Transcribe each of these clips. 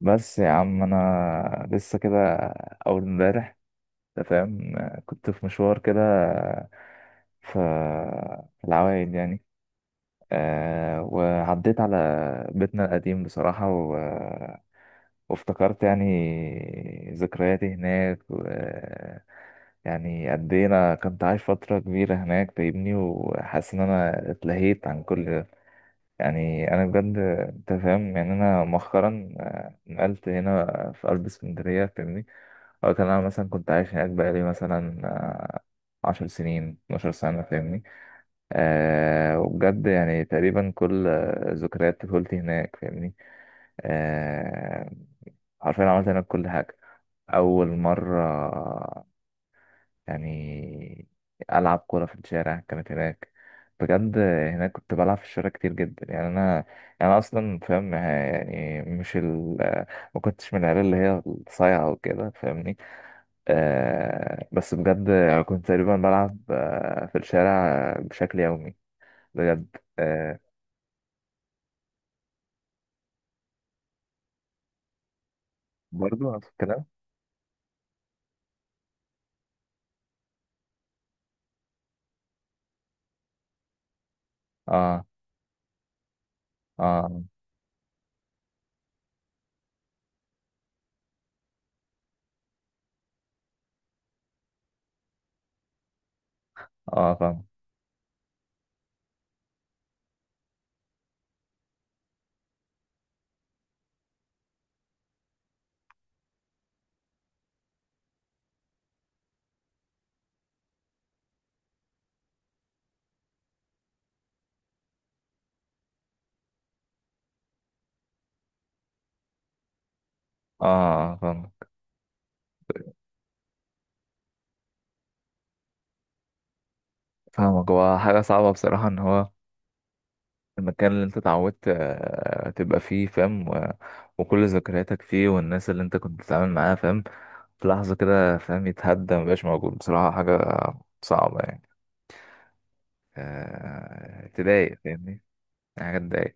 بس يا عم انا لسه كده، اول امبارح، انت فاهم، كنت في مشوار كده ف- في العوايد يعني. أه، وعديت على بيتنا القديم بصراحة وافتكرت يعني ذكرياتي هناك. يعني قد ايه انا كنت عايش فترة كبيرة هناك، فاهمني، وحاسس ان انا اتلهيت عن كل. يعني انا بجد، انت فاهم، يعني انا مؤخرا نقلت هنا في قلب اسكندريه، فاهمني. او كان انا مثلا كنت عايش هناك بقالي مثلا 10 سنين، 12 سنه، فاهمني. أه، وبجد يعني تقريبا كل ذكريات طفولتي هناك، فاهمني. أه. حرفيا عملت هناك كل حاجه، اول مره يعني ألعب كورة في الشارع كانت هناك. بجد هناك كنت بلعب في الشارع كتير جدا، يعني أنا، يعني أنا أصلا فاهم، يعني مش ما كنتش من العيال اللي هي الصايعة وكده، فاهمني. آه، بس بجد يعني كنت تقريبا بلعب في الشارع بشكل يومي، بجد. آه. برضه نفس الكلام. اه، اه، اه، فاهم. اه، فاهم. فاهمك، هو حاجة صعبة بصراحة ان هو المكان اللي انت اتعودت تبقى فيه، فاهم، وكل ذكرياتك فيه، والناس اللي انت كنت بتتعامل معاها، فاهم، في لحظة كده، فاهم، يتهدى مبقاش موجود، بصراحة حاجة صعبة يعني، تضايق فاهمني، يعني حاجة تضايق.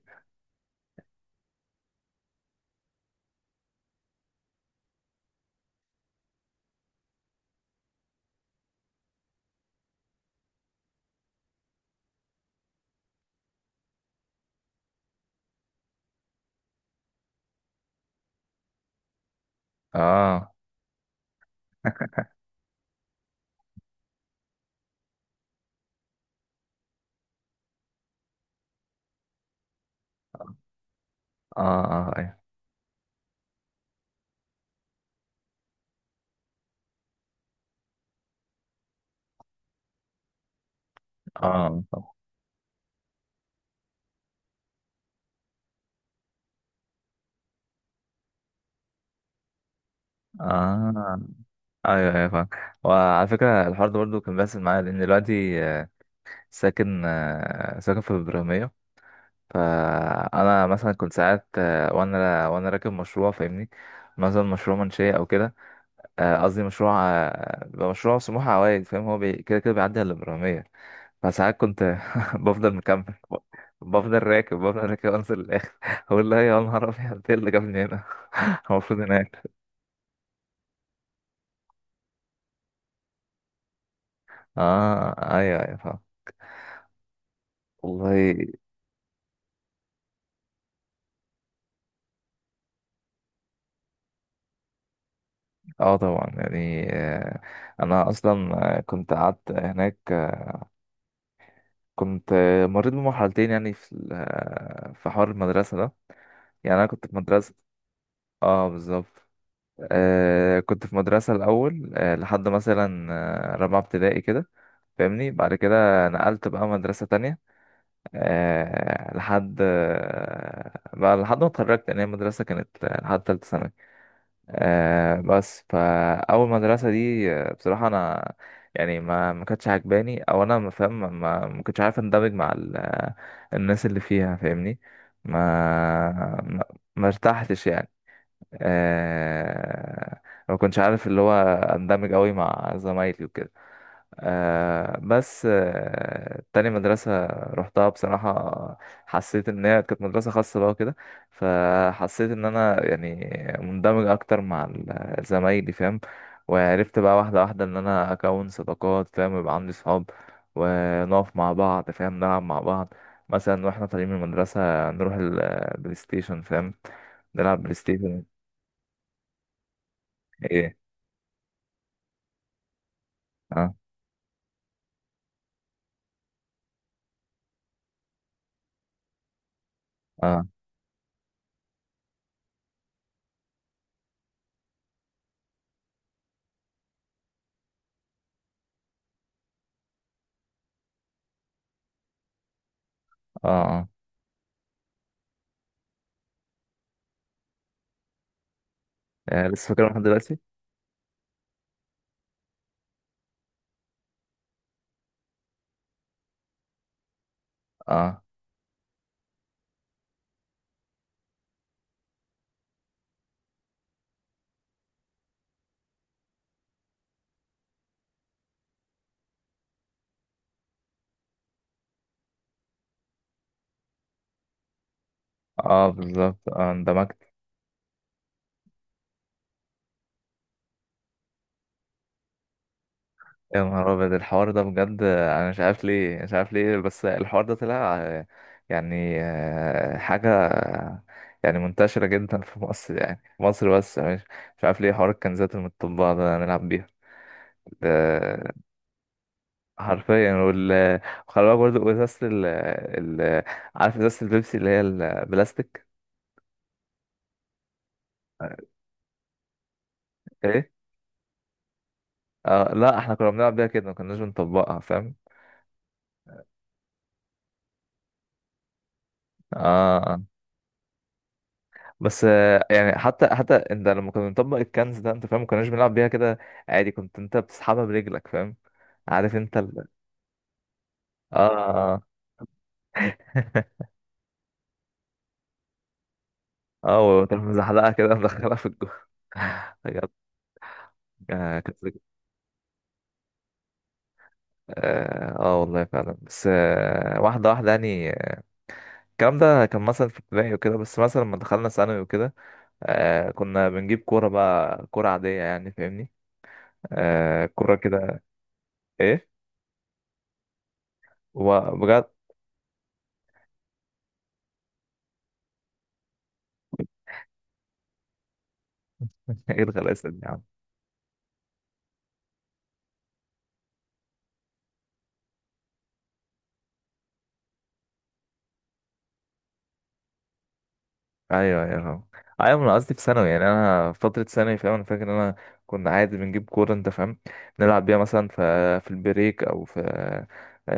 اه، اه، اه، ايوه. اه، طبعا. اه، ايوه، ايوه، فاهم. وعلى فكرة الحوار ده برضه كان بيحصل معايا، لأن دلوقتي ساكن في إبراهيمية. فانا مثلا كنت ساعات، وانا راكب مشروع، فاهمني، مثلا مشروع منشيه او كده. قصدي مشروع بيبقى مشروع سموحه عوائد، فاهم، هو كده كده بيعدي على الابراهيميه. فساعات كنت بفضل مكمل. ب- بفضل راكب انزل للاخر اقول لا يا نهار ابيض ايه اللي جابني هنا هو المفروض هناك. اه، ايوه، ايوه، فاهم. والله. اه، طبعا يعني انا اصلا كنت قعدت هناك. كنت مريت بمرحلتين، يعني في في حوار المدرسة ده. يعني أنا كنت في مدرسة. اه، بالظبط. آه، كنت في مدرسة الأول لحد مثلا رابعة ابتدائي كده، فاهمني، بعد كده نقلت بقى مدرسة تانية. لحد آه بقى لحد ما اتخرجت. يعني هي المدرسة كانت لحد تالتة ثانوي. آه، بس فاول مدرسه دي، بصراحه انا يعني ما كانتش عجباني، او انا ما فاهم، ما كنتش عارف اندمج مع الناس اللي فيها، فاهمني. ما ما ما ارتحتش يعني. آه، ما كنتش عارف اللي هو اندمج قوي مع زمايلي وكده. آه، بس تاني مدرسة رحتها بصراحة، حسيت إن هي كانت مدرسة خاصة بقى وكده. فحسيت إن أنا يعني مندمج أكتر مع زمايلي، فاهم. وعرفت بقى واحدة واحدة إن أنا أكون صداقات، فاهم، ويبقى عندي صحاب، ونقف مع بعض، فاهم، نلعب مع بعض. مثلا واحنا طالعين من المدرسة نروح البلاي ستيشن، فاهم، نلعب بلاي ستيشن. إيه؟ أه، أه، أه، آه. آه، لسه فاكرها لحد دلوقتي؟ اه، اه، بالظبط. اه، اندمجت. يا نهار ابيض الحوار ده بجد، انا مش عارف ليه، مش عارف ليه، بس الحوار ده طلع يعني حاجة، يعني منتشرة جدا في مصر، يعني في مصر، بس مش عارف ليه حوار الكنزات المطبعة ده نلعب بيها ده. حرفيا. وخلي بالك برضه ازازة ال ال عارف ازازة البيبسي اللي هي البلاستيك. ايه؟ اه، لا احنا كنا بنلعب بيها كده، ما كناش بنطبقها، فاهم. اه، بس يعني حتى انت لما كنا بنطبق الكنز ده، انت فاهم، ما كناش بنلعب بيها كده عادي، كنت انت بتسحبها برجلك، فاهم، عارف انت اه، اه اه، وتروح مزحلقها كده مدخلها في الجو بجد. آه، اه آه، والله فعلا. بس واحدة واحدة يعني، الكلام ده كان مثلا في ابتدائي وكده، بس مثلا لما دخلنا ثانوي وكده، آه، كنا بنجيب كورة بقى، كورة عادية يعني، فاهمني. آه، كورة كده. ايه؟ وبجد ايه الغلاسة دي؟ ايوه، ايوه، فاهم. ايوه، انا قصدي في ثانوي، يعني انا فتره ثانوي، فاهم، انا فاكر ان انا كنا عادي بنجيب كوره، انت فاهم، نلعب بيها مثلا في البريك او في،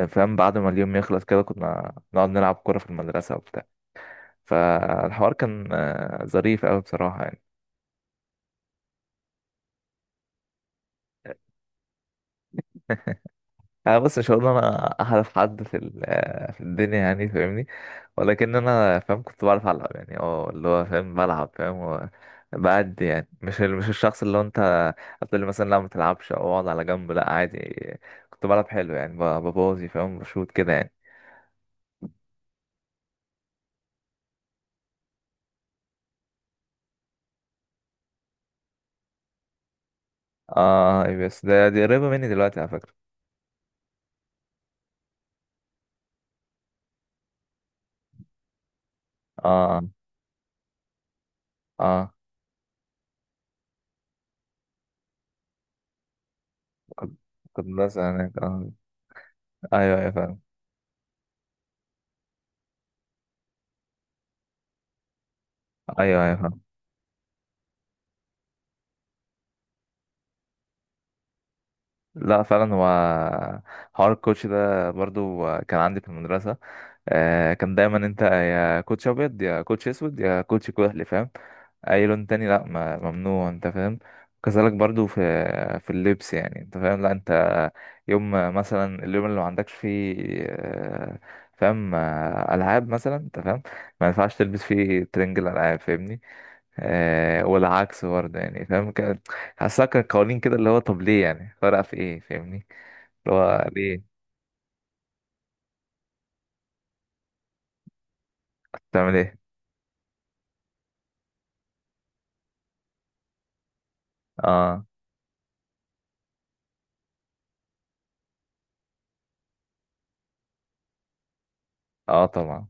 فاهم، بعد ما اليوم يخلص كده كنا نقعد نلعب كوره في المدرسه وبتاع. فالحوار كان ظريف قوي بصراحه يعني. انا بص، مش هقول انا احرف حد في في الدنيا، يعني فاهمني، ولكن انا فاهم كنت بعرف العب يعني، اه، اللي هو فاهم بلعب فاهم بعد، يعني مش مش الشخص اللي هو انت هتقول لي مثلا لا ما تلعبش او اقعد على جنب، لا عادي كنت بلعب حلو يعني، ببوظي فاهم، بشوط كده يعني. اه، أي. بس دي قريبة مني دلوقتي على فكرة. اه، اه. كنت كنت بس هناك اه. ايوه، ايوه، فاهم. ايوه، ايوه، فاهم. لا، فعلا هو حوار الكوتش ده برضو كان عندي في المدرسة. كان دايما انت يا كوتش ابيض، يا كوتش اسود، يا كوتش كحلي، فاهم، اي لون تاني لا، ممنوع، انت فاهم. كذلك برضو في اللبس، يعني انت فاهم، لا انت يوم مثلا اليوم اللي ما عندكش فيه آه، فاهم العاب مثلا انت فاهم، ما ينفعش تلبس فيه ترنج الالعاب فاهمني. آه، والعكس برضه يعني، فاهم كده. حاسسها كان قوانين كده اللي هو طب ليه، يعني فرق في ايه؟ فاهمني اللي هو ليه؟ بتعمل ايه؟ اه، اه، طبعا.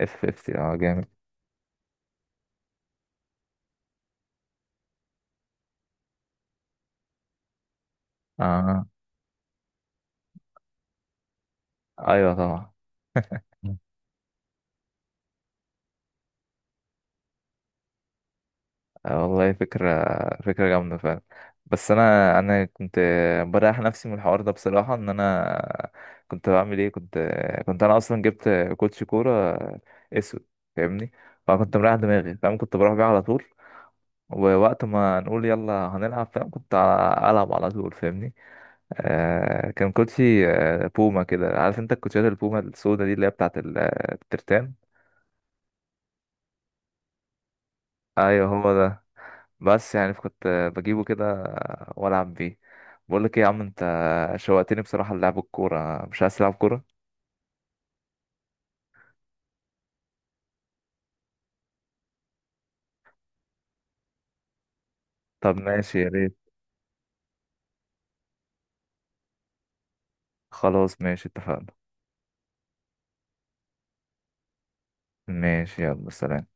اف 50 اه، جامد. اه، ايوه، طبعا. آه، والله فكرة، فكرة جامدة فعلا. بس انا كنت بريح نفسي من الحوار ده بصراحة، ان انا كنت بعمل ايه، كنت انا اصلا جبت كوتش كورة اسود، فاهمني، فكنت مريح دماغي، فاهم، كنت بروح بيه على طول. ووقت ما نقول يلا هنلعب، فاهم، كنت ألعب على طول، فاهمني. آه، كان كوتشي بوما كده، عارف انت الكوتشيات البوما السودا دي اللي هي بتاعت الترتان. ايوه هو ده. بس يعني كنت بجيبه كده والعب بيه. بقول لك ايه يا عم انت، شوقتني بصراحة للعب الكورة، مش عايز تلعب كورة؟ طب ماشي، يا ريت. خلاص ماشي، اتفقنا. ماشي، يلا سلام.